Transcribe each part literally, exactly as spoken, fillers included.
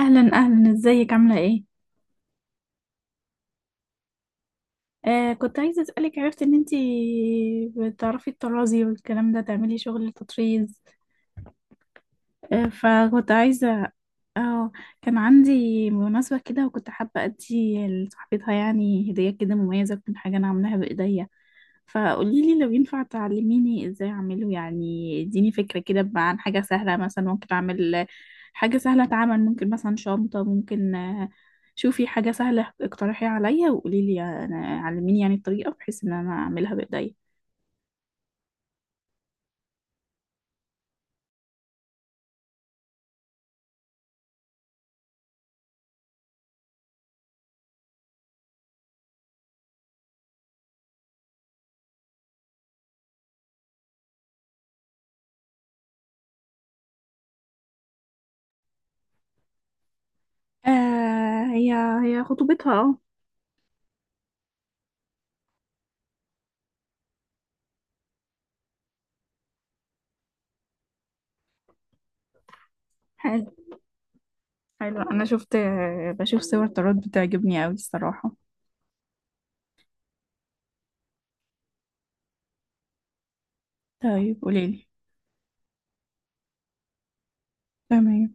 اهلا اهلا، ازيك عامله ايه؟ آه كنت عايزه اسالك، عرفت ان انتي بتعرفي الطرازي والكلام ده تعملي شغل التطريز. آه فكنت عايزه اه كان عندي مناسبة كده وكنت حابة أدي لصاحبتها، يعني هدية كده مميزة تكون حاجة أنا عاملاها بإيديا. فقوليلي لو ينفع تعلميني إزاي أعمله، يعني اديني فكرة كده بقى عن حاجة سهلة، مثلا ممكن أعمل حاجة سهلة أتعمل، ممكن مثلا شنطة، ممكن آه، شوفي حاجة سهلة اقترحيها عليا وقوليلي. أنا- علميني يعني الطريقة بحيث إن أنا أعملها بإيديا. آه هي هي خطوبتها، اه. حلو. حلو، أنا شفت بشوف صور طراد بتعجبني أوي الصراحة. طيب قوليلي. تمام.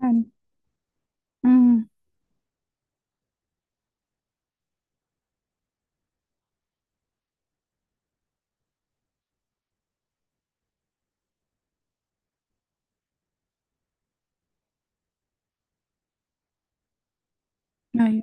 حلو. امم. ايوه.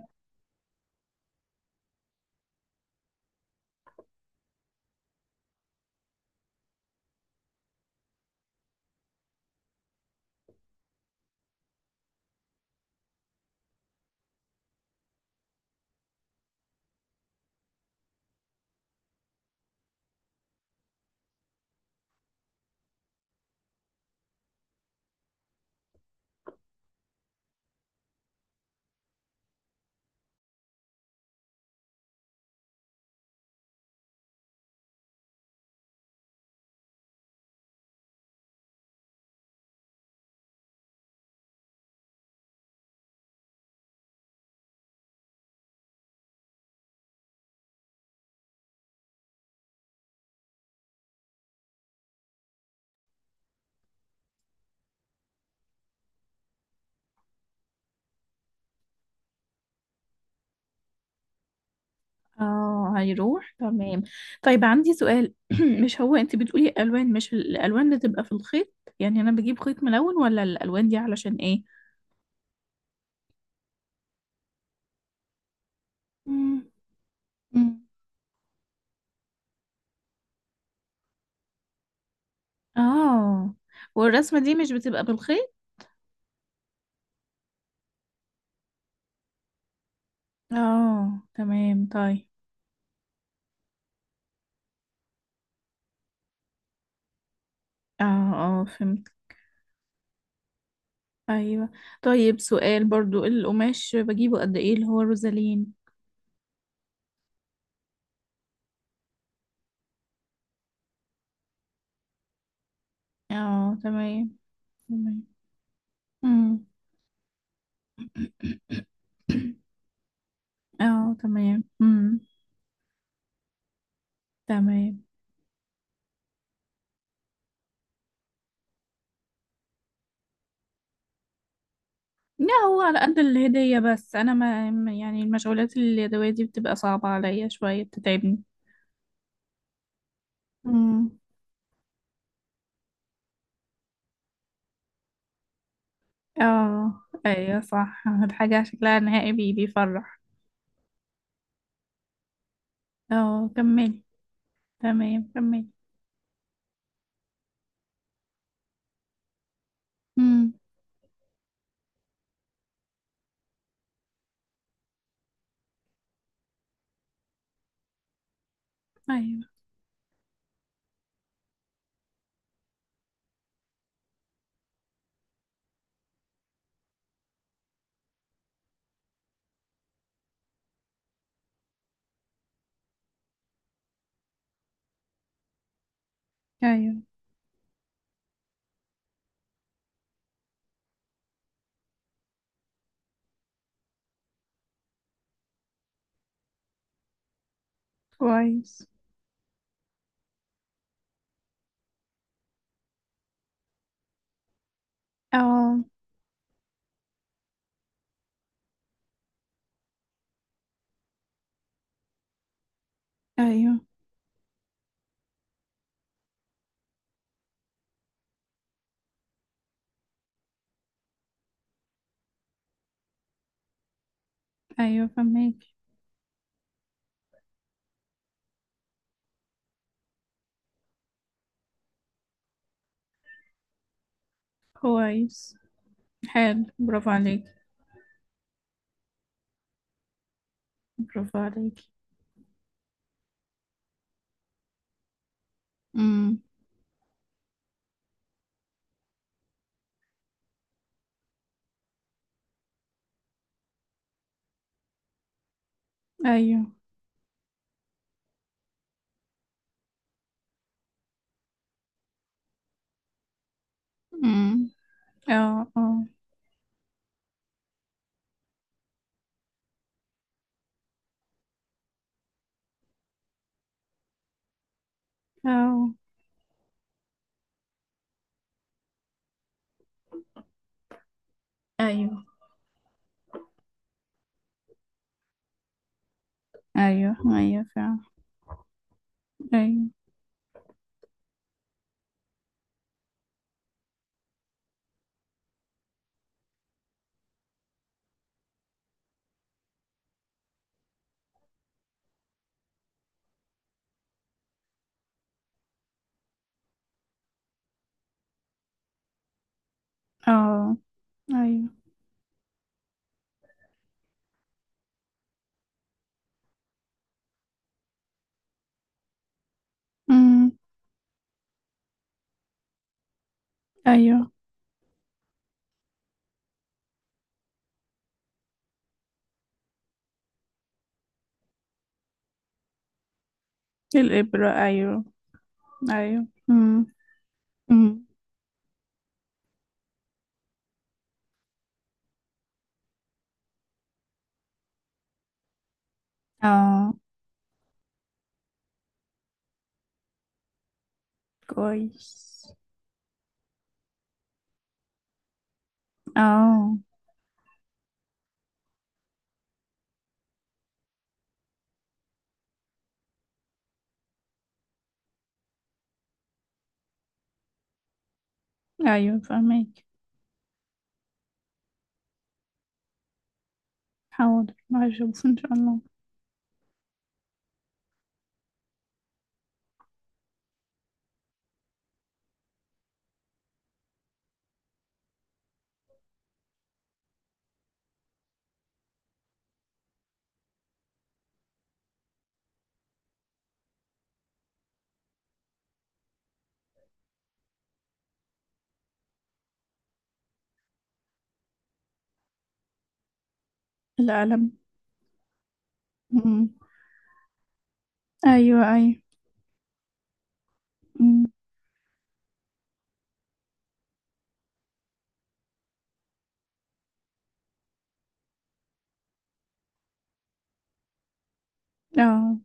اه هيروح، تمام. طيب عندي سؤال. مش هو انت بتقولي الوان، مش الالوان اللي تبقى في الخيط؟ يعني انا بجيب خيط ملون، ولا الالوان دي علشان ايه؟ مم. مم. اه. والرسمة دي مش بتبقى بالخيط؟ اه تمام، طيب. اه اه، فهمت. ايوه. طيب سؤال برضو، القماش بجيبه قد ايه اللي هو روزالين؟ اه تمام. تمام. مم. اه تمام، امم. تمام. لا هو على قد الهدية، بس أنا ما ما- يعني المشغولات اليدوية دي بتبقى صعبة عليا شوية، بتتعبني. امم. اه أيوة صح، الحاجة شكلها نهائي بي بيفرح. اه كملي. تمام كملي. امم، أيوة أيوة. كويس. اه أيوة أيوة، فهمك. كويس. حلو، برافو عليك. برافو عليك. امم، أيوة، امم. اه اه اه. ايوه ايوه ايوه، فعلا. ايوه. اه ايوه. امم ايوه. الابره، ايوه. ايوه، امم. امم. اه كويس. اه ايوه، فهمك. حاضر هشوف ان شاء الله. القلم. امم ايوه ايوه. امم. اه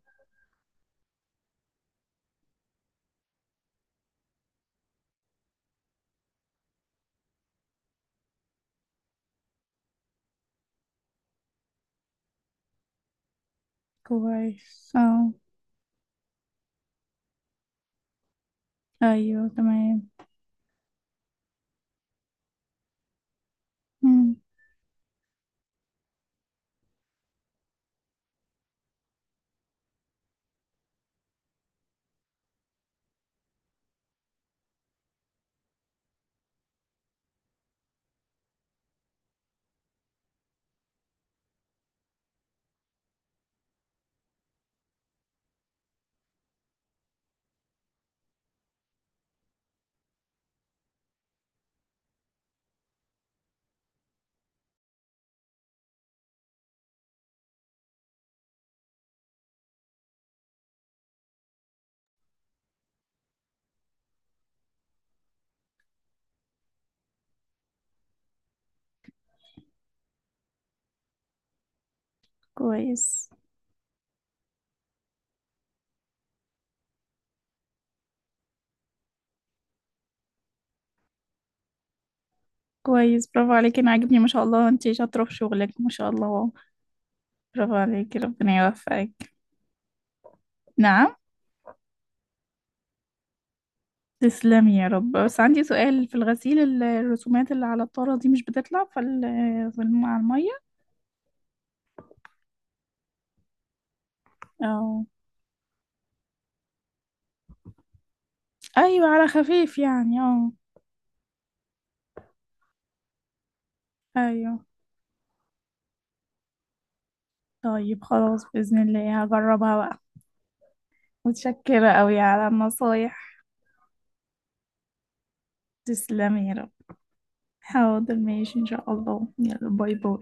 كويس. اه ايوه تمام، امم. كويس. كويس، برافو عليكي، انا عاجبني، ما شاء الله، انتي شاطره في شغلك، ما شاء الله. برافو عليكي، ربنا يوفقك. نعم. تسلمي يا رب. بس عندي سؤال في الغسيل، ال- الرسومات اللي على الطارة دي مش بتطلع في ال- في الم- على المية؟ اه ايوه، على خفيف يعني، اه. ايوه. طيب خلاص، بإذن الله هجربها بقى. متشكرة قوي على النصايح. تسلمي يا رب. حاضر ماشي، ان شاء الله، يلا باي باي.